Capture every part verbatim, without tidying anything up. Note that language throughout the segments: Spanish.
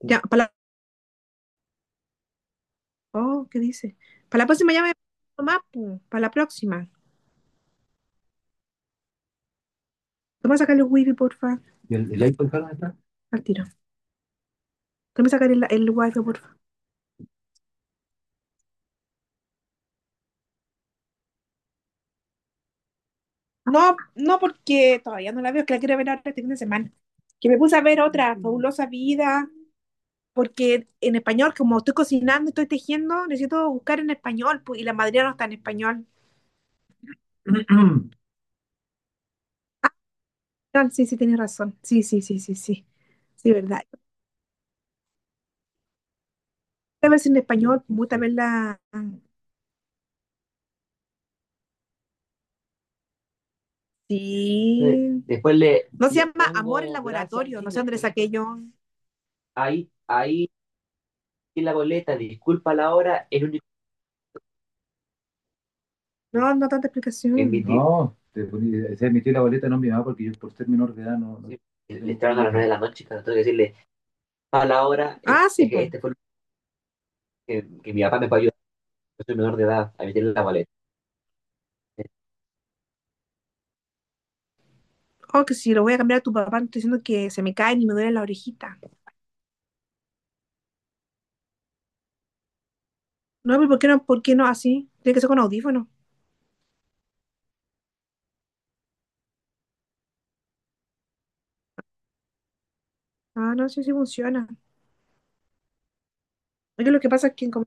Ya, para la... Oh, ¿qué dice? Para la próxima ya me más, pu, para la próxima. Toma sacar el wifi, porfa. ¿Y el, el iPhone acá está? Al tiro. Toma sacar el, el wifi, porfa. No, no, porque todavía no la veo, que la quiero ver ahora este fin de semana. Que me puse a ver otra, Fabulosa Vida, porque en español, como estoy cocinando, estoy tejiendo, necesito buscar en español, pues, y la madrina no está en español. Mm. Ah, no, sí, sí, tienes razón. Sí, sí, sí, sí, sí. Sí, verdad. Yo voy a ver si en español, me gusta ver la. Sí. Después le, no se le llama Amor en Laboratorio, gracias, no sé dónde le saqué yo. Ahí, ahí en la boleta, disculpa la hora, el único. No, no tanta explicación. Emití. No, te poní- se emitió la boleta no mi mamá porque yo por ser menor de edad no, no- Sí. Le estaban a las nueve de la noche, claro, tengo que decirle, a la hora. Ah, eh, sí, este, po. Este fue que, que mi papá me pagó, yo soy menor de edad, a meterle la boleta. Oh, que si lo voy a cambiar a tu papá, no estoy diciendo que se me caen y me duele la orejita. No, pero ¿por qué no? ¿Por qué no así? Tiene que ser con audífono. Ah, no, sí, sí funciona. Porque lo que pasa es que, como-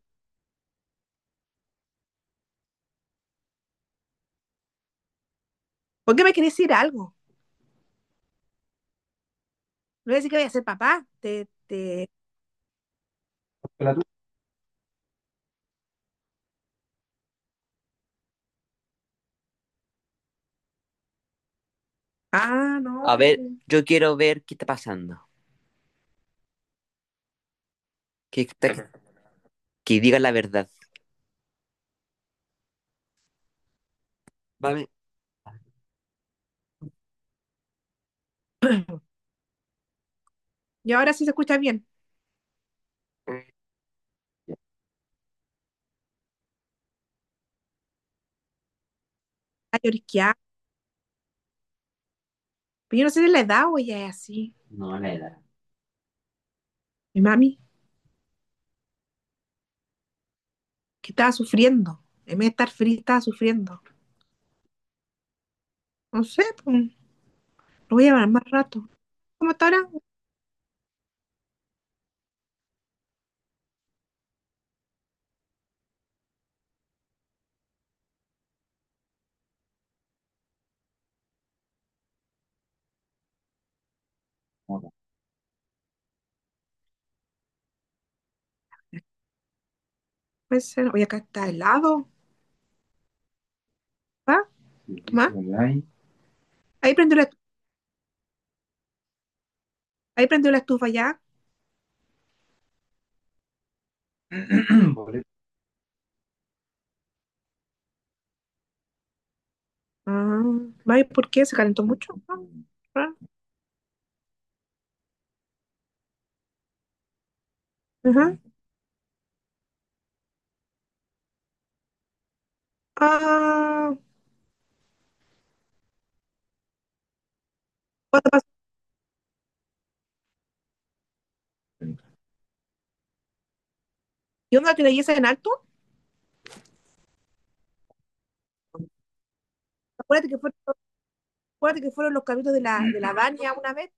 ¿por qué me querés decir algo? No voy a decir que voy a ser papá. Te, te... La tu- Ah, no. A ver. Yo quiero ver qué está pasando. Que, está- que diga la verdad. Vale. Y ahora sí se escucha bien. Está lloriqueada. Pero yo no sé de la edad o ya es así. No, la edad. Mi mami, que estaba sufriendo. En vez de estar fría, estaba sufriendo. No sé, pues, lo voy a llevar más rato. ¿Cómo está ahora? Hola. Puede ser. Oye, acá está helado. ¿Va? Sí, ¿más? Hola, ahí. Ahí prendió la, ahí prendió la estufa ya. Ah, vaya, ¿por qué? ¿Se calentó mucho? Ah, raro. Ajá. Ah, cuando pasó- ¿y onda que la hice en alto? Acuérdate que fueron, acuérdate que fueron los cabritos de la, de la Vania una vez.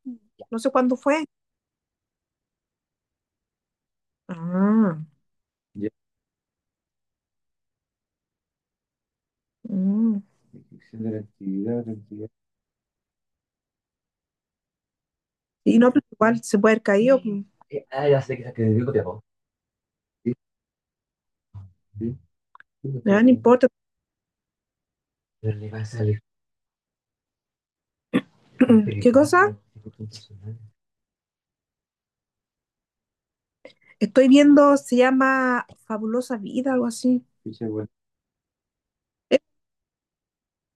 No sé cuándo fue. Ah, ya. Mm. Descripción de la actividad, la actividad. Y no, pero igual se puede haber caído, pues. Eh, ah, ya sé que se quedó copiado. Sí, sí. Ya, no importa. Pero le va a salir. ¿Qué película, cosa? Película. Estoy viendo, se llama Fabulosa Vida, algo así. Ficha, bueno.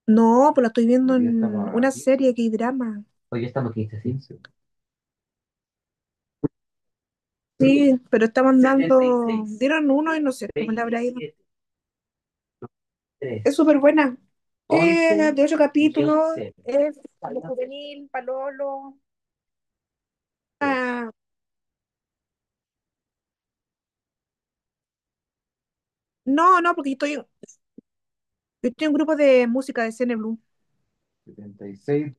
No, pues la estoy viendo. Hoy día en estamos a una aquí. Serie, que drama. Hoy día estamos quince, quince. Sí, pero estaban dando, setenta y seis, dieron uno y no sé cómo le habrá ido. veintisiete, es súper buena. once. Eh, once de ocho y capítulos, once. Es algo juvenil, palolo. Sí. Ah, no, no, porque yo estoy, yo estoy en un grupo de música de Cine Blue. setenta y seis.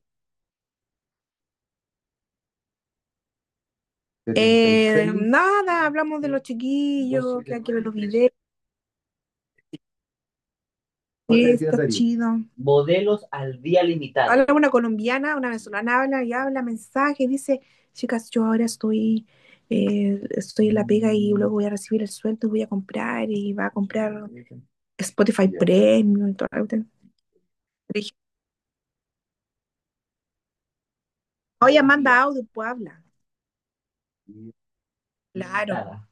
Eh, setenta y seis. Nada, hablamos de los chiquillos, que de hay que ver los noviembre. Sí, está chido. Modelos al día limitado. Habla una colombiana, una venezolana, habla y habla mensajes, dice, chicas, yo ahora estoy, eh, estoy en la pega y luego voy a recibir el sueldo y voy a comprar y va a comprar Spotify. Ya. Premium y todo. Oye, manda audio, pues habla. Yeah. Claro. Nada.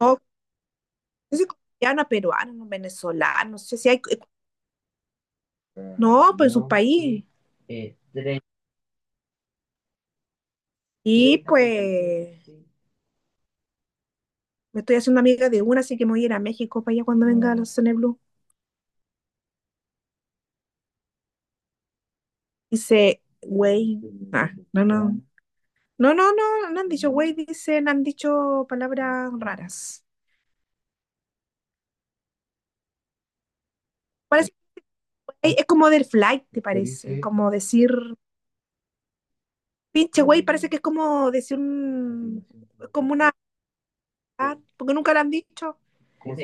No sé, colombiana, peruana, no, venezolana, no sé si hay, no, pues no, su. No, país. Sí. Eh, tres- Y pues, sí. Me estoy haciendo amiga de una, así que me voy a ir a México para allá cuando venga a los Cine Blue. Dice, güey, ah, no, no, no, no, no, no han dicho güey, dicen, han dicho palabras raras. Parece, güey, es como del flight, te parece, como decir, pinche güey, parece que es como decir un, como una, ah, porque nunca lo han dicho. ¿Cómo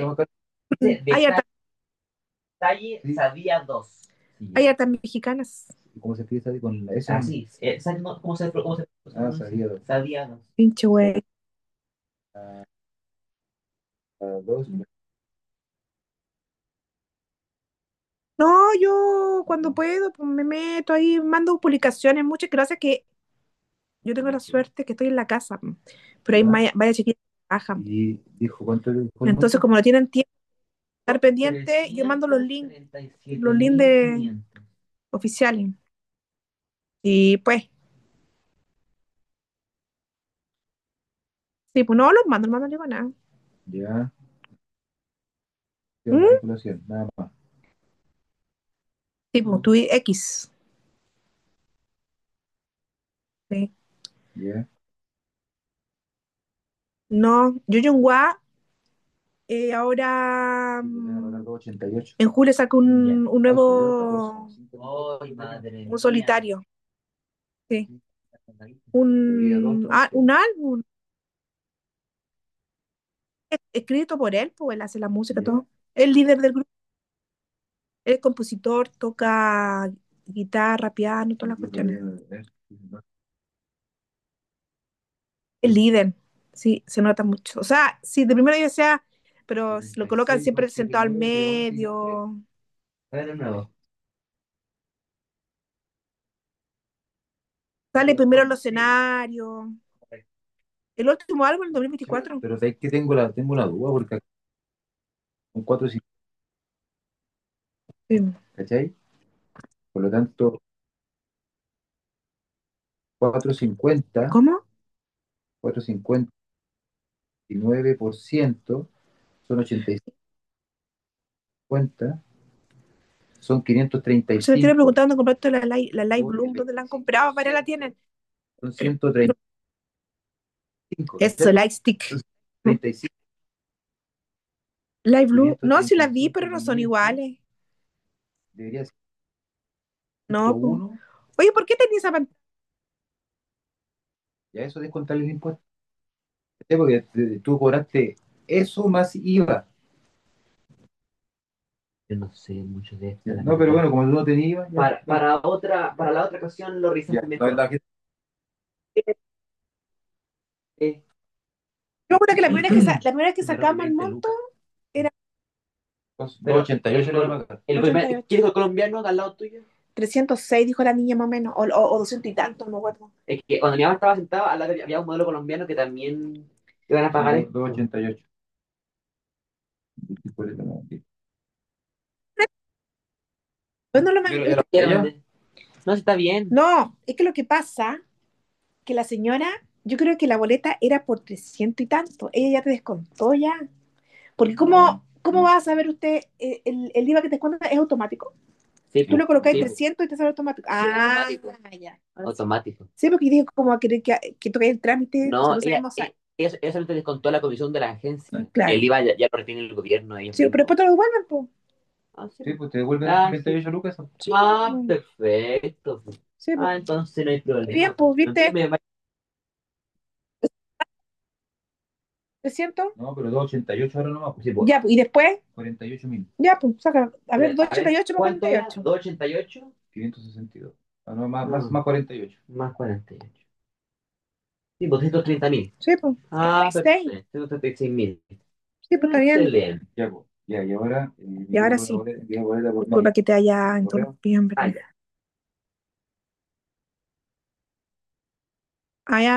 Talle Sí. Sadía dos. Sí. Hay hartas mexicanas. ¿Cómo se pide Sadie con la S? Así, eh, no? ¿Cómo se cómo se- Ah, sabía dos. Sadía dos. Pinche güey. Ah, no, yo cuando puedo pues, me meto ahí, mando publicaciones. Muchas gracias que yo tengo la suerte que estoy en la casa. Mm. Pero hay, ya, maya- varias chiquillas que trabajan. Y dijo, ¿cuánto le dijo? Entonces, como no tienen tiempo de estar pendiente, trescientos, yo mando los links, los links de- oficiales. Y pues, sí, pues no los mando, no mando yo nada. Ya. ¿Mm? Manipulación, nada más. Tipo, tu X. ¿Sí? Yeah. No, Yo Jung, eh, ahora mm, ochenta y ocho. En julio saca un, yeah, un nuevo, ay, un solitario, sí, un, ah, un álbum e, escrito por él, pues él hace la música, ya, todo. El líder del grupo, el compositor, toca guitarra, piano, todas las cuestiones. El líder, sí, se nota mucho. O sea, sí, de primero ya sea, pero lo colocan siempre sentado al medio. Sale primero en los escenarios. El último álbum, el dos mil veinticuatro. Pero sabéis que tengo la, tengo una duda porque acá son cuatro cincuenta, sí. ¿Cachai? Por lo tanto, cuatro cincuenta. ¿Cómo? Cuatrocientos cincuenta y nueve por ciento son ochocientos cincuenta, son quinientos treinta y cinco. Se me estoy quinientos treinta y cinco, preguntando, ¿compraste la, Light- la Light Bloom? ¿Dónde la han comprado? ¿Para la tienen? Son ciento treinta 35, eso, ¿viste? Lightstick. treinta y cinco Light Blue. No, sí la vi, pero no son iguales. Debería ser. No, po. Oye, ¿por qué tenía esa pantalla? Y a eso descontar el impuesto. ¿Eh? Porque eh, tú cobraste eso más I V A. Yo no sé mucho de esto. No, pero bueno, como tú no tenías I V A, ya- Para, para otra, para la otra ocasión lo revisamos. Yo me que la primera vez que, sa- la primera vez que sacamos el monto. Pero ochenta y ocho el, le marcaron. El primer- ochenta y ocho. ¿Quién dijo el colombiano de al lado tuyo? Trescientos seis dijo la niña más o menos, o, o, o doscientos y tanto, no me acuerdo. Es que cuando mi mamá estaba sentada, al lado había un modelo colombiano que también iban a pagar esto. Ochenta y ocho. Pues no lo man- No, si está bien. No, es que lo que pasa, que la señora, yo creo que la boleta era por trescientos y tanto, ella ya te descontó ya. Porque ¿cómo, cómo va a saber usted, eh, el, el I V A que te descuentan es automático? Sí, tú lo colocas en sí, trescientos y te sale automático. Sí. Ah, automático. Ya. Ahora sí, automático. Sí, porque dije como a querer que, que toque el trámite, no. No, ella- sabemos. E- eso, eso lo descontó la comisión de la agencia. Claro. El I V A ya, ya lo retiene el gobierno. Ellos, sí, pero mismos, después te lo devuelven, pues. Ah, sí. Sí, pues te devuelven, ah, treinta y ocho lucas, eso. Sí, ah, po, perfecto. Sí, po. Ah, entonces no hay problema. Bien, problema, pues. Entonces ¿viste? Me va- ¿trescientos? No, pero doscientos ochenta y ocho ahora nomás. Pues sí, pues, ya, pues, y después, cuarenta y ocho mil, ya, pues, saca. A ver, doscientos ochenta y ocho más cuarenta y y ocho doscientos ochenta y ocho era? cuarenta y ocho. doscientos ochenta y ocho quinientos sesenta y dos. Ah, no, más, ah, más, más cuarenta y ocho, más cuarenta y ocho. Sí, pues ciento treinta mil. Sí, pues, ah, ciento treinta y seis mil, sí, pues está bien. Excelente. Ya, pues. Ya, y ahora. eh, Y ahora sí, volver- Disculpa que te haya interrumpido, en verdad. Ah, ya. Ah, ya,